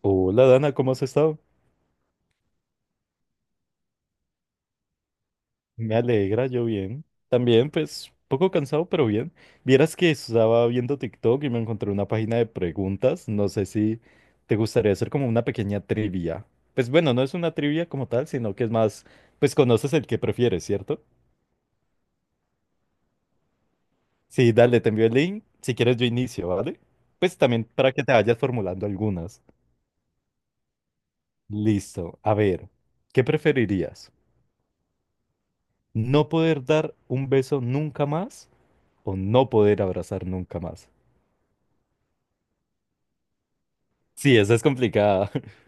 Hola Dana, ¿cómo has estado? Me alegra, yo bien. También, pues, poco cansado, pero bien. Vieras que estaba viendo TikTok y me encontré una página de preguntas. No sé si te gustaría hacer como una pequeña trivia. Pues bueno, no es una trivia como tal, sino que es más, pues conoces el que prefieres, ¿cierto? Sí, dale, te envío el link. Si quieres, yo inicio, ¿vale? Pues también para que te vayas formulando algunas. Listo. A ver, ¿qué preferirías? ¿No poder dar un beso nunca más o no poder abrazar nunca más? Sí, esa es complicada.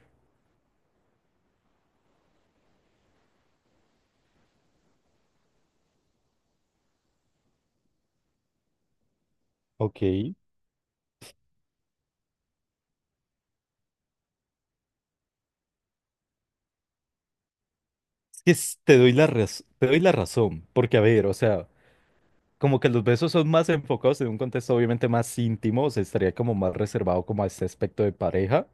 Ok. Es que te doy la te doy la razón, porque a ver, o sea, como que los besos son más enfocados en un contexto obviamente más íntimo, o sea, estaría como más reservado como a este aspecto de pareja,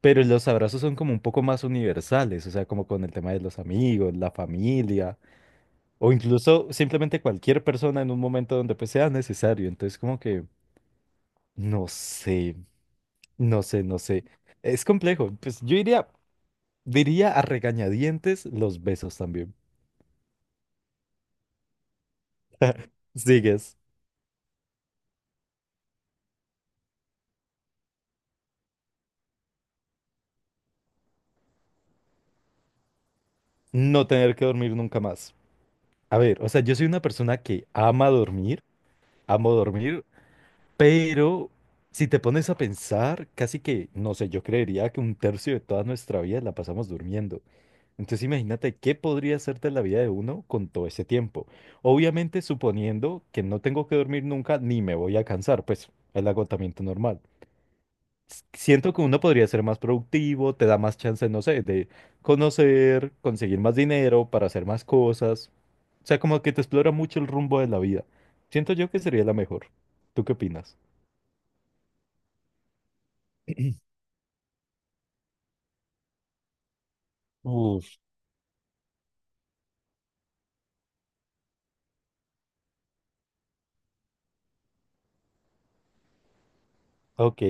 pero los abrazos son como un poco más universales, o sea, como con el tema de los amigos, la familia, o incluso simplemente cualquier persona en un momento donde pues sea necesario, entonces como que, no sé, no sé, no sé. Es complejo, pues yo diría a regañadientes los besos también. Sigues, no tener que dormir nunca más. A ver, o sea, yo soy una persona que ama dormir, amo dormir, pero si te pones a pensar, casi que, no sé, yo creería que un tercio de toda nuestra vida la pasamos durmiendo. Entonces imagínate qué podría hacerte la vida de uno con todo ese tiempo. Obviamente suponiendo que no tengo que dormir nunca ni me voy a cansar, pues el agotamiento normal. Siento que uno podría ser más productivo, te da más chance, no sé, de conocer, conseguir más dinero para hacer más cosas. O sea, como que te explora mucho el rumbo de la vida. Siento yo que sería la mejor. ¿Tú qué opinas? Uf, ok.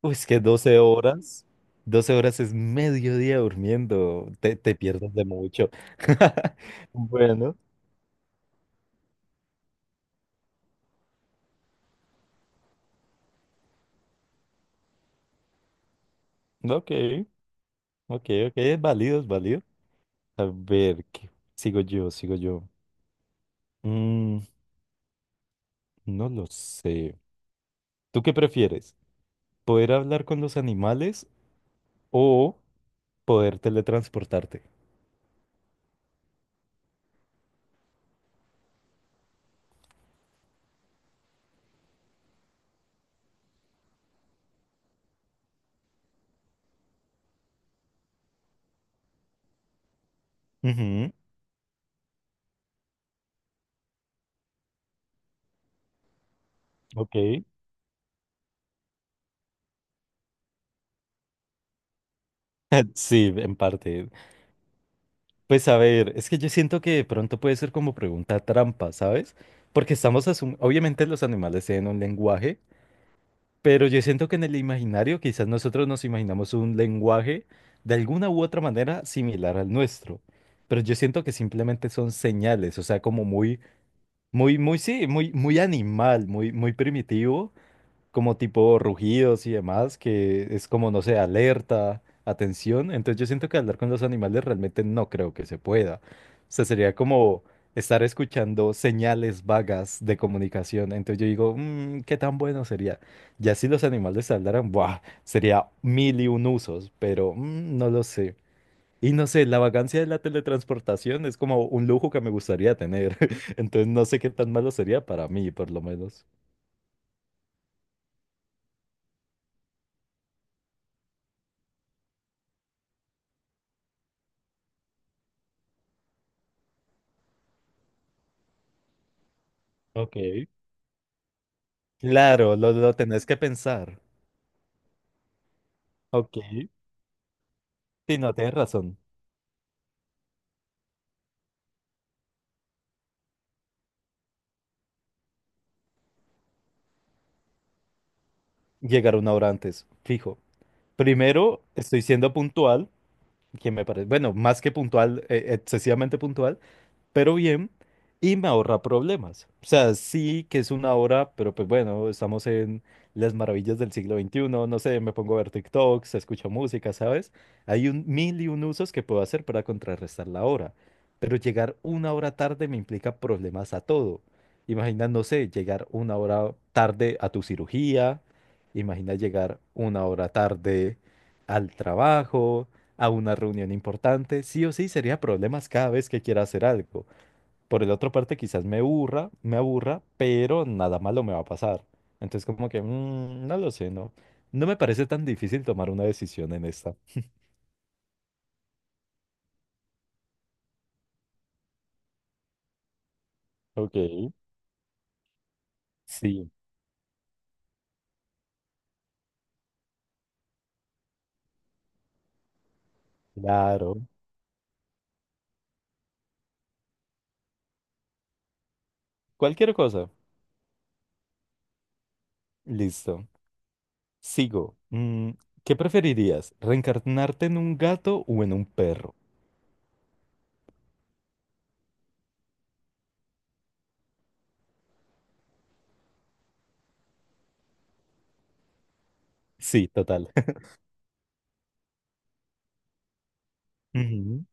Pues que 12 horas, 12 horas es medio día durmiendo, te pierdes de mucho. Bueno, ok, ok, ok, es válido, es válido. A ver, ¿qué? Sigo yo, sigo yo. Mm, no lo sé. ¿Tú qué prefieres? ¿Poder hablar con los animales o poder teletransportarte? Ujú, ok. Sí, en parte. Pues a ver, es que yo siento que de pronto puede ser como pregunta trampa, ¿sabes? Porque estamos asumiendo, obviamente los animales tienen un lenguaje, pero yo siento que en el imaginario quizás nosotros nos imaginamos un lenguaje de alguna u otra manera similar al nuestro. Pero yo siento que simplemente son señales, o sea, como muy, muy, muy, sí, muy, muy animal, muy, muy primitivo. Como tipo rugidos y demás, que es como, no sé, alerta, atención. Entonces yo siento que hablar con los animales realmente no creo que se pueda. O sea, sería como estar escuchando señales vagas de comunicación. Entonces yo digo, "Mm, ¿qué tan bueno sería? Ya si los animales hablaran, ¡buah! Sería mil y un usos, pero mm, no lo sé. Y no sé, la vagancia de la teletransportación es como un lujo que me gustaría tener." Entonces no sé qué tan malo sería para mí, por lo menos. Ok. Claro, lo tenés que pensar. Ok. Sí, no, tienes razón. Llegar una hora antes, fijo. Primero, estoy siendo puntual, que me parece, bueno, más que puntual, excesivamente puntual. Pero bien, y me ahorra problemas. O sea, sí que es una hora, pero pues bueno, estamos en las maravillas del siglo VIII, no sé, me pongo a ver TikToks, escucho música, ¿sabes? Hay un mil y un usos que puedo hacer para contrarrestar la hora, pero llegar una hora tarde me implica problemas a todo. Imagina, no sé, llegar una hora tarde a tu cirugía, imagina llegar una hora tarde al trabajo, a una reunión importante, sí o sí sería problemas cada vez que quiera hacer algo. Por el otro parte, quizás me aburra, pero nada malo me va a pasar. Entonces, como que, mm, no lo sé, ¿no? No me parece tan difícil tomar una decisión en esta. Ok. Sí, claro. Cualquier cosa. Listo. Sigo. Mm, ¿qué preferirías? ¿Reencarnarte en un gato o en un perro? Sí, total. Ujú.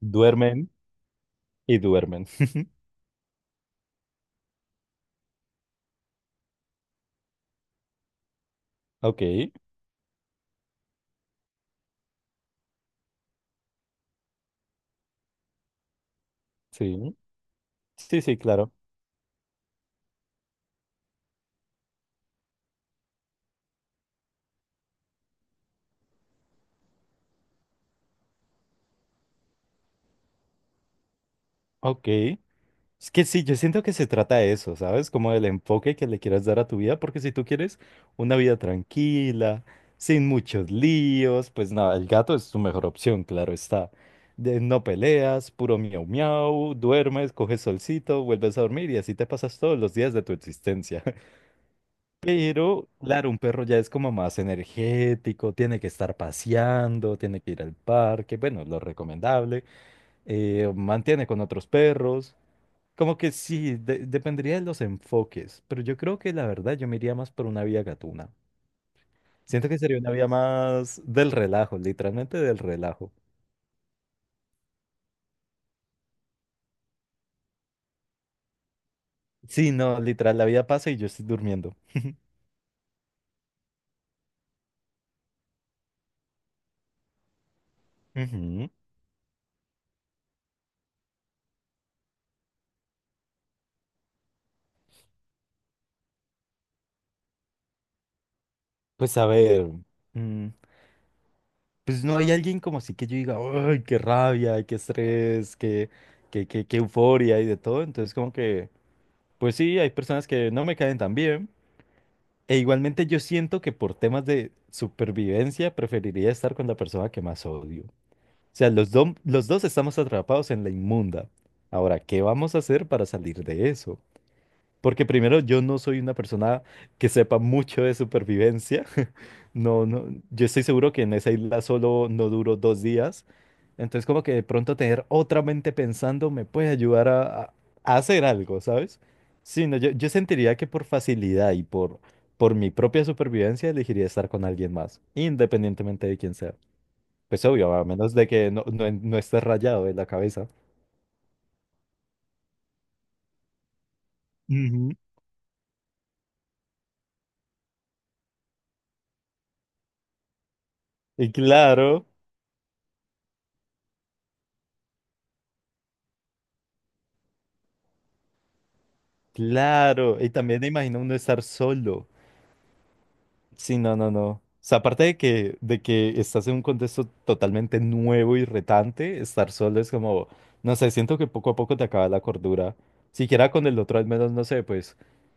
Duermen y duermen. Ok, sí. Sí, sí, claro. Ok. Es que sí, yo siento que se trata de eso, ¿sabes? Como del enfoque que le quieras dar a tu vida, porque si tú quieres una vida tranquila, sin muchos líos, pues nada, el gato es tu mejor opción, claro está. No peleas, puro miau miau, duermes, coges solcito, vuelves a dormir y así te pasas todos los días de tu existencia. Pero, claro, un perro ya es como más energético, tiene que estar paseando, tiene que ir al parque, bueno, lo recomendable, mantiene con otros perros. Como que sí, dependería de los enfoques, pero yo creo que la verdad yo me iría más por una vía gatuna. Siento que sería una vía más del relajo, literalmente del relajo. Sí, no, literal, la vida pasa y yo estoy durmiendo. Ujú. Pues a ver, mm, pues no hay alguien como así que yo diga, ay, qué rabia, qué estrés, qué euforia y de todo. Entonces como que, pues sí, hay personas que no me caen tan bien. E igualmente yo siento que por temas de supervivencia preferiría estar con la persona que más odio. O sea, los dos estamos atrapados en la inmunda. Ahora, ¿qué vamos a hacer para salir de eso? Porque primero, yo no soy una persona que sepa mucho de supervivencia. No, no, yo estoy seguro que en esa isla solo no duro 2 días. Entonces, como que de pronto tener otra mente pensando me puede ayudar a, a hacer algo, ¿sabes? Sí, no, yo sentiría que por facilidad y por mi propia supervivencia elegiría estar con alguien más, independientemente de quién sea. Pues obvio, a menos de que no, no, no estés rayado de la cabeza. Ujú. Y claro, claro. Y también me imagino uno estar solo. Sí, no, no, no. O sea, aparte de que, estás en un contexto totalmente nuevo y retante, estar solo es como, no sé, siento que poco a poco te acaba la cordura. Siquiera con el otro, al menos, no sé, pues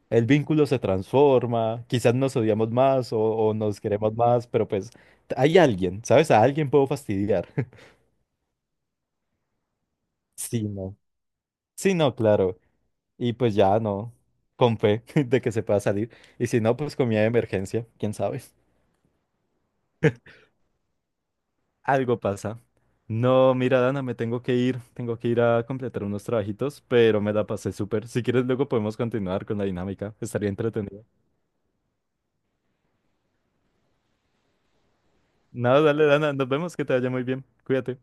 el vínculo se transforma, quizás nos odiamos más o nos queremos más, pero pues hay alguien, ¿sabes? A alguien puedo fastidiar. Sí, no. Sí, no, claro. Y pues ya no, con fe de que se pueda salir. Y si no, pues comida de emergencia, quién sabe. Algo pasa. No, mira, Dana, me tengo que ir. Tengo que ir a completar unos trabajitos, pero me la pasé súper. Si quieres, luego podemos continuar con la dinámica. Estaría entretenido. No, dale, Dana, nos vemos, que te vaya muy bien. Cuídate.